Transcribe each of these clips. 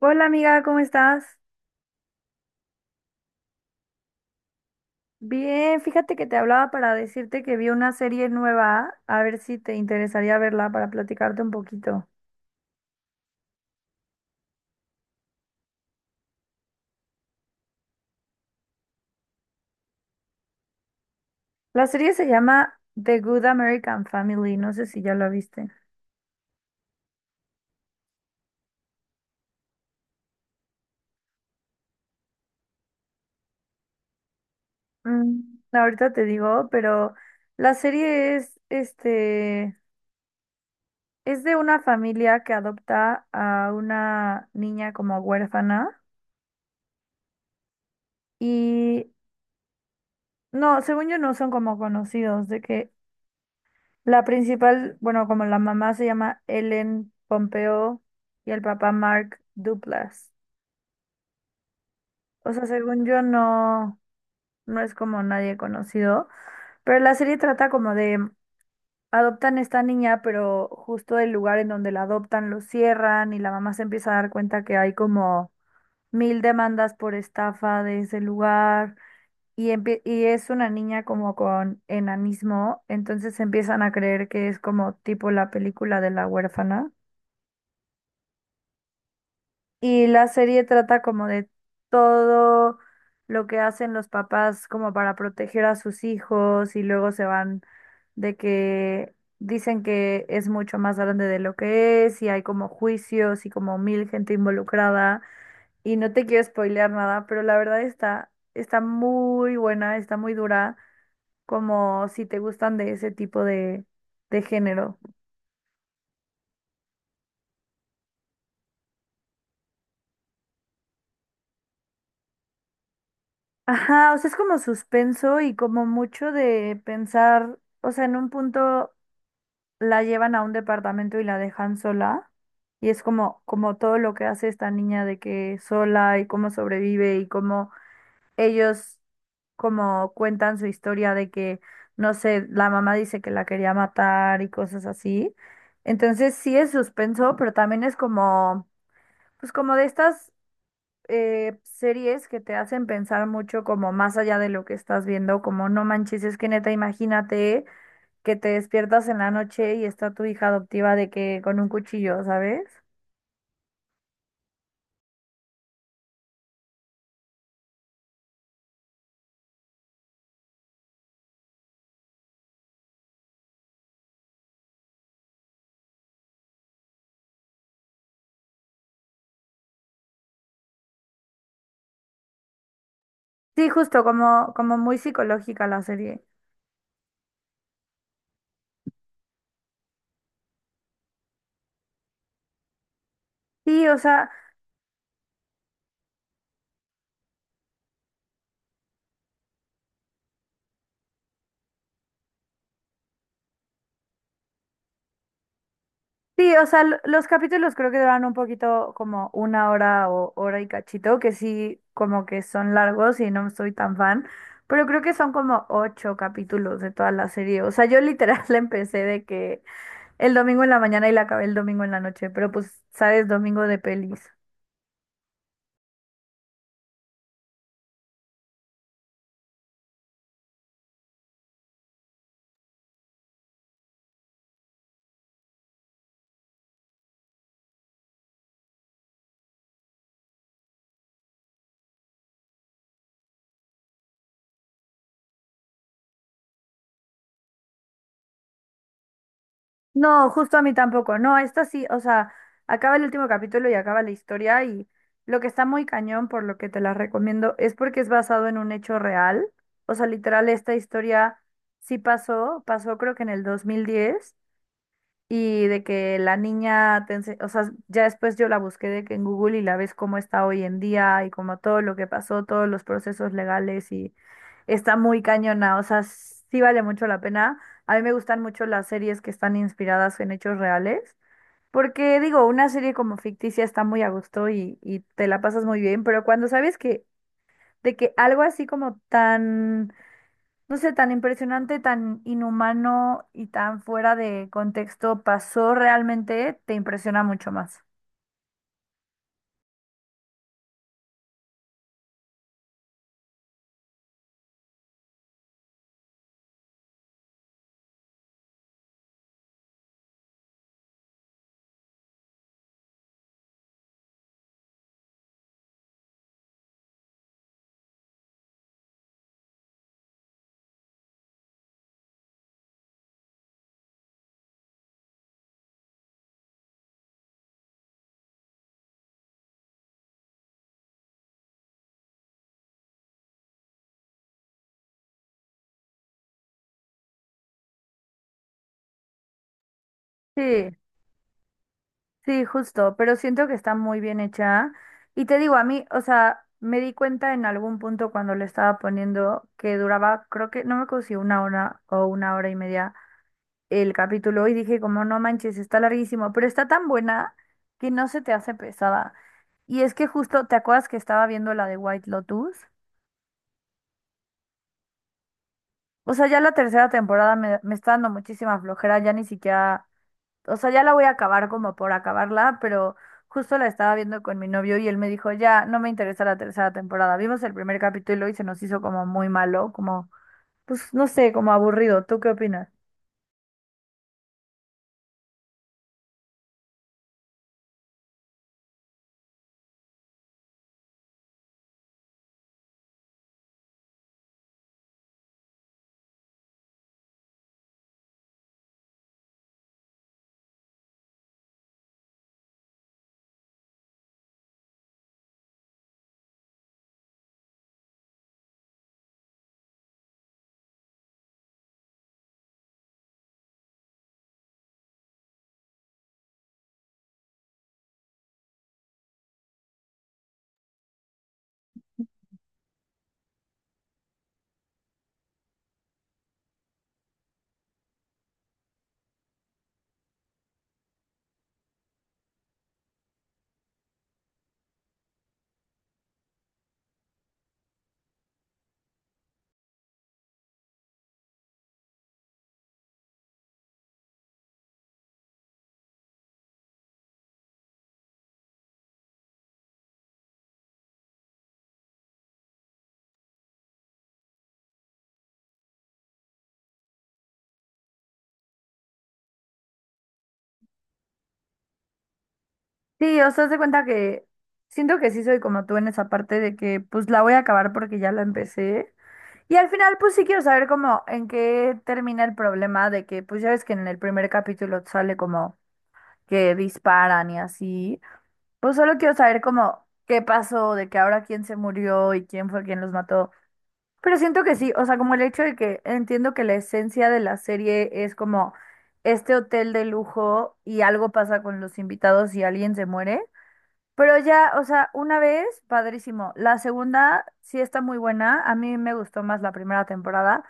Hola amiga, ¿cómo estás? Bien, fíjate que te hablaba para decirte que vi una serie nueva, a ver si te interesaría verla para platicarte un poquito. La serie se llama The Good American Family, no sé si ya la viste. Mm, ahorita te digo, pero la serie es, es de una familia que adopta a una niña como huérfana. Y no, según yo no son como conocidos, de que la principal, bueno, como la mamá se llama Ellen Pompeo y el papá Mark Duplass. O sea, según yo no, no es como nadie conocido, pero la serie trata como de adoptan esta niña, pero justo el lugar en donde la adoptan lo cierran y la mamá se empieza a dar cuenta que hay como mil demandas por estafa de ese lugar. Y y es una niña como con enanismo, entonces empiezan a creer que es como tipo la película de la huérfana. Y la serie trata como de todo lo que hacen los papás como para proteger a sus hijos y luego se van de que dicen que es mucho más grande de lo que es y hay como juicios y como mil gente involucrada. Y no te quiero spoilear nada, pero la verdad está muy buena, está muy dura, como si te gustan de ese tipo de género. Ajá, o sea, es como suspenso y como mucho de pensar, o sea, en un punto la llevan a un departamento y la dejan sola, y es como todo lo que hace esta niña de que sola y cómo sobrevive y cómo ellos como cuentan su historia de que, no sé, la mamá dice que la quería matar y cosas así. Entonces sí es suspenso, pero también es como, pues como de estas series que te hacen pensar mucho como más allá de lo que estás viendo, como no manches, es que neta, imagínate que te despiertas en la noche y está tu hija adoptiva de que con un cuchillo, ¿sabes? Sí, justo como muy psicológica la serie. Sí, o sea, sí, o sea, los capítulos creo que duran un poquito como una hora o hora y cachito, que sí, como que son largos y no soy tan fan. Pero creo que son como ocho capítulos de toda la serie. O sea, yo literal la empecé de que el domingo en la mañana y la acabé el domingo en la noche, pero pues, sabes, domingo de pelis. No, justo a mí tampoco. No, esta sí, o sea, acaba el último capítulo y acaba la historia y lo que está muy cañón, por lo que te la recomiendo, es porque es basado en un hecho real. O sea, literal, esta historia sí pasó, pasó creo que en el dos mil diez. Y de que la niña, o sea, ya después yo la busqué de que en Google y la ves cómo está hoy en día y como todo lo que pasó, todos los procesos legales y está muy cañona, o sea, sí vale mucho la pena. A mí me gustan mucho las series que están inspiradas en hechos reales, porque digo, una serie como ficticia está muy a gusto y te la pasas muy bien, pero cuando sabes que de que algo así como tan, no sé, tan impresionante, tan inhumano y tan fuera de contexto pasó realmente, te impresiona mucho más. Sí, sí, justo, pero siento que está muy bien hecha. Y te digo, a mí, o sea, me di cuenta en algún punto cuando le estaba poniendo que duraba, creo que, no me acuerdo si una hora o una hora y media el capítulo y dije como, no manches, está larguísimo, pero está tan buena que no se te hace pesada. Y es que justo, ¿te acuerdas que estaba viendo la de White Lotus? O sea, ya la tercera temporada me está dando muchísima flojera, ya ni siquiera, o sea, ya la voy a acabar como por acabarla, pero justo la estaba viendo con mi novio y él me dijo, ya, no me interesa la tercera temporada. Vimos el primer capítulo y se nos hizo como muy malo, como, pues no sé, como aburrido. ¿Tú qué opinas? Sí, o sea, haz de cuenta que siento que sí soy como tú en esa parte de que pues la voy a acabar porque ya la empecé. Y al final pues sí quiero saber como en qué termina el problema de que pues ya ves que en el primer capítulo sale como que disparan y así. Pues solo quiero saber como qué pasó, de que ahora quién se murió y quién fue quien los mató. Pero siento que sí, o sea, como el hecho de que entiendo que la esencia de la serie es como este hotel de lujo y algo pasa con los invitados y alguien se muere. Pero ya, o sea, una vez, padrísimo. La segunda sí está muy buena. A mí me gustó más la primera temporada.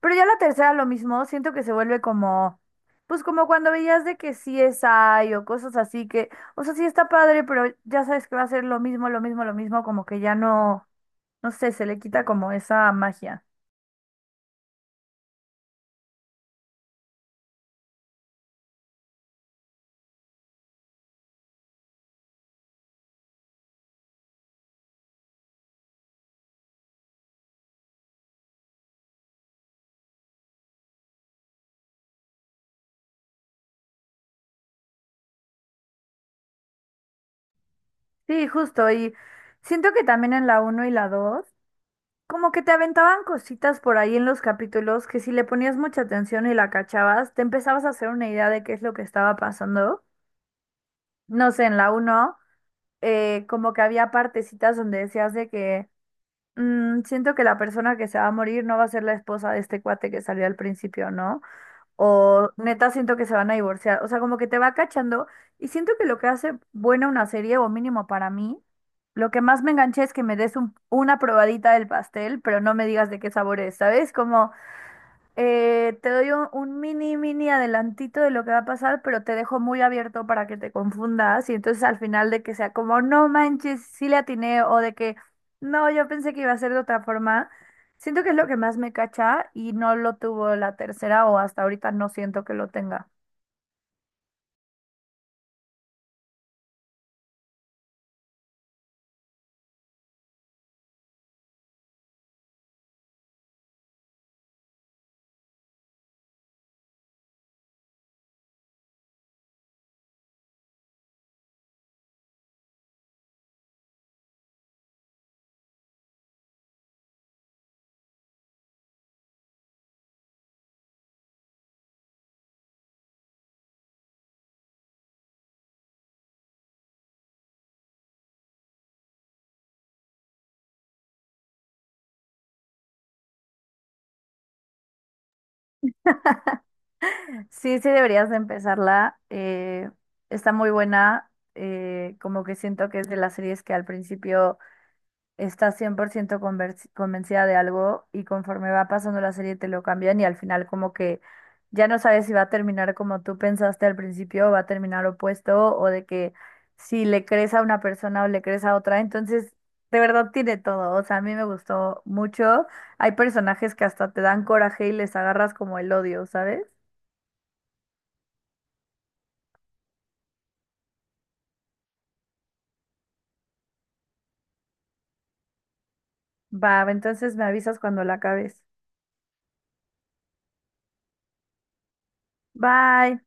Pero ya la tercera lo mismo. Siento que se vuelve como, pues como cuando veías de que sí es hay o cosas así que, o sea, sí está padre, pero ya sabes que va a ser lo mismo, lo mismo, lo mismo, como que ya no, no sé, se le quita como esa magia. Sí, justo. Y siento que también en la uno y la 2. Como que te aventaban cositas por ahí en los capítulos que si le ponías mucha atención y la cachabas, te empezabas a hacer una idea de qué es lo que estaba pasando. No sé, en la uno, como que había partecitas donde decías de que "Mm, siento que la persona que se va a morir no va a ser la esposa de este cuate que salió al principio, ¿no? O neta siento que se van a divorciar". O sea, como que te va cachando y siento que lo que hace buena una serie, o mínimo para mí, lo que más me enganché es que me des una probadita del pastel, pero no me digas de qué sabor es, ¿sabes? Como, te doy un mini adelantito de lo que va a pasar, pero te dejo muy abierto para que te confundas y entonces al final de que sea como, no manches, sí le atiné o de que, no, yo pensé que iba a ser de otra forma. Siento que es lo que más me cacha y no lo tuvo la tercera o hasta ahorita no siento que lo tenga. Sí, sí deberías de empezarla. Está muy buena. Como que siento que es de las series que al principio está 100% convencida de algo y conforme va pasando la serie te lo cambian y al final como que ya no sabes si va a terminar como tú pensaste al principio o va a terminar opuesto o de que si le crees a una persona o le crees a otra, entonces de verdad tiene todo, o sea, a mí me gustó mucho. Hay personajes que hasta te dan coraje y les agarras como el odio, ¿sabes? Va, entonces me avisas cuando la acabes. Bye.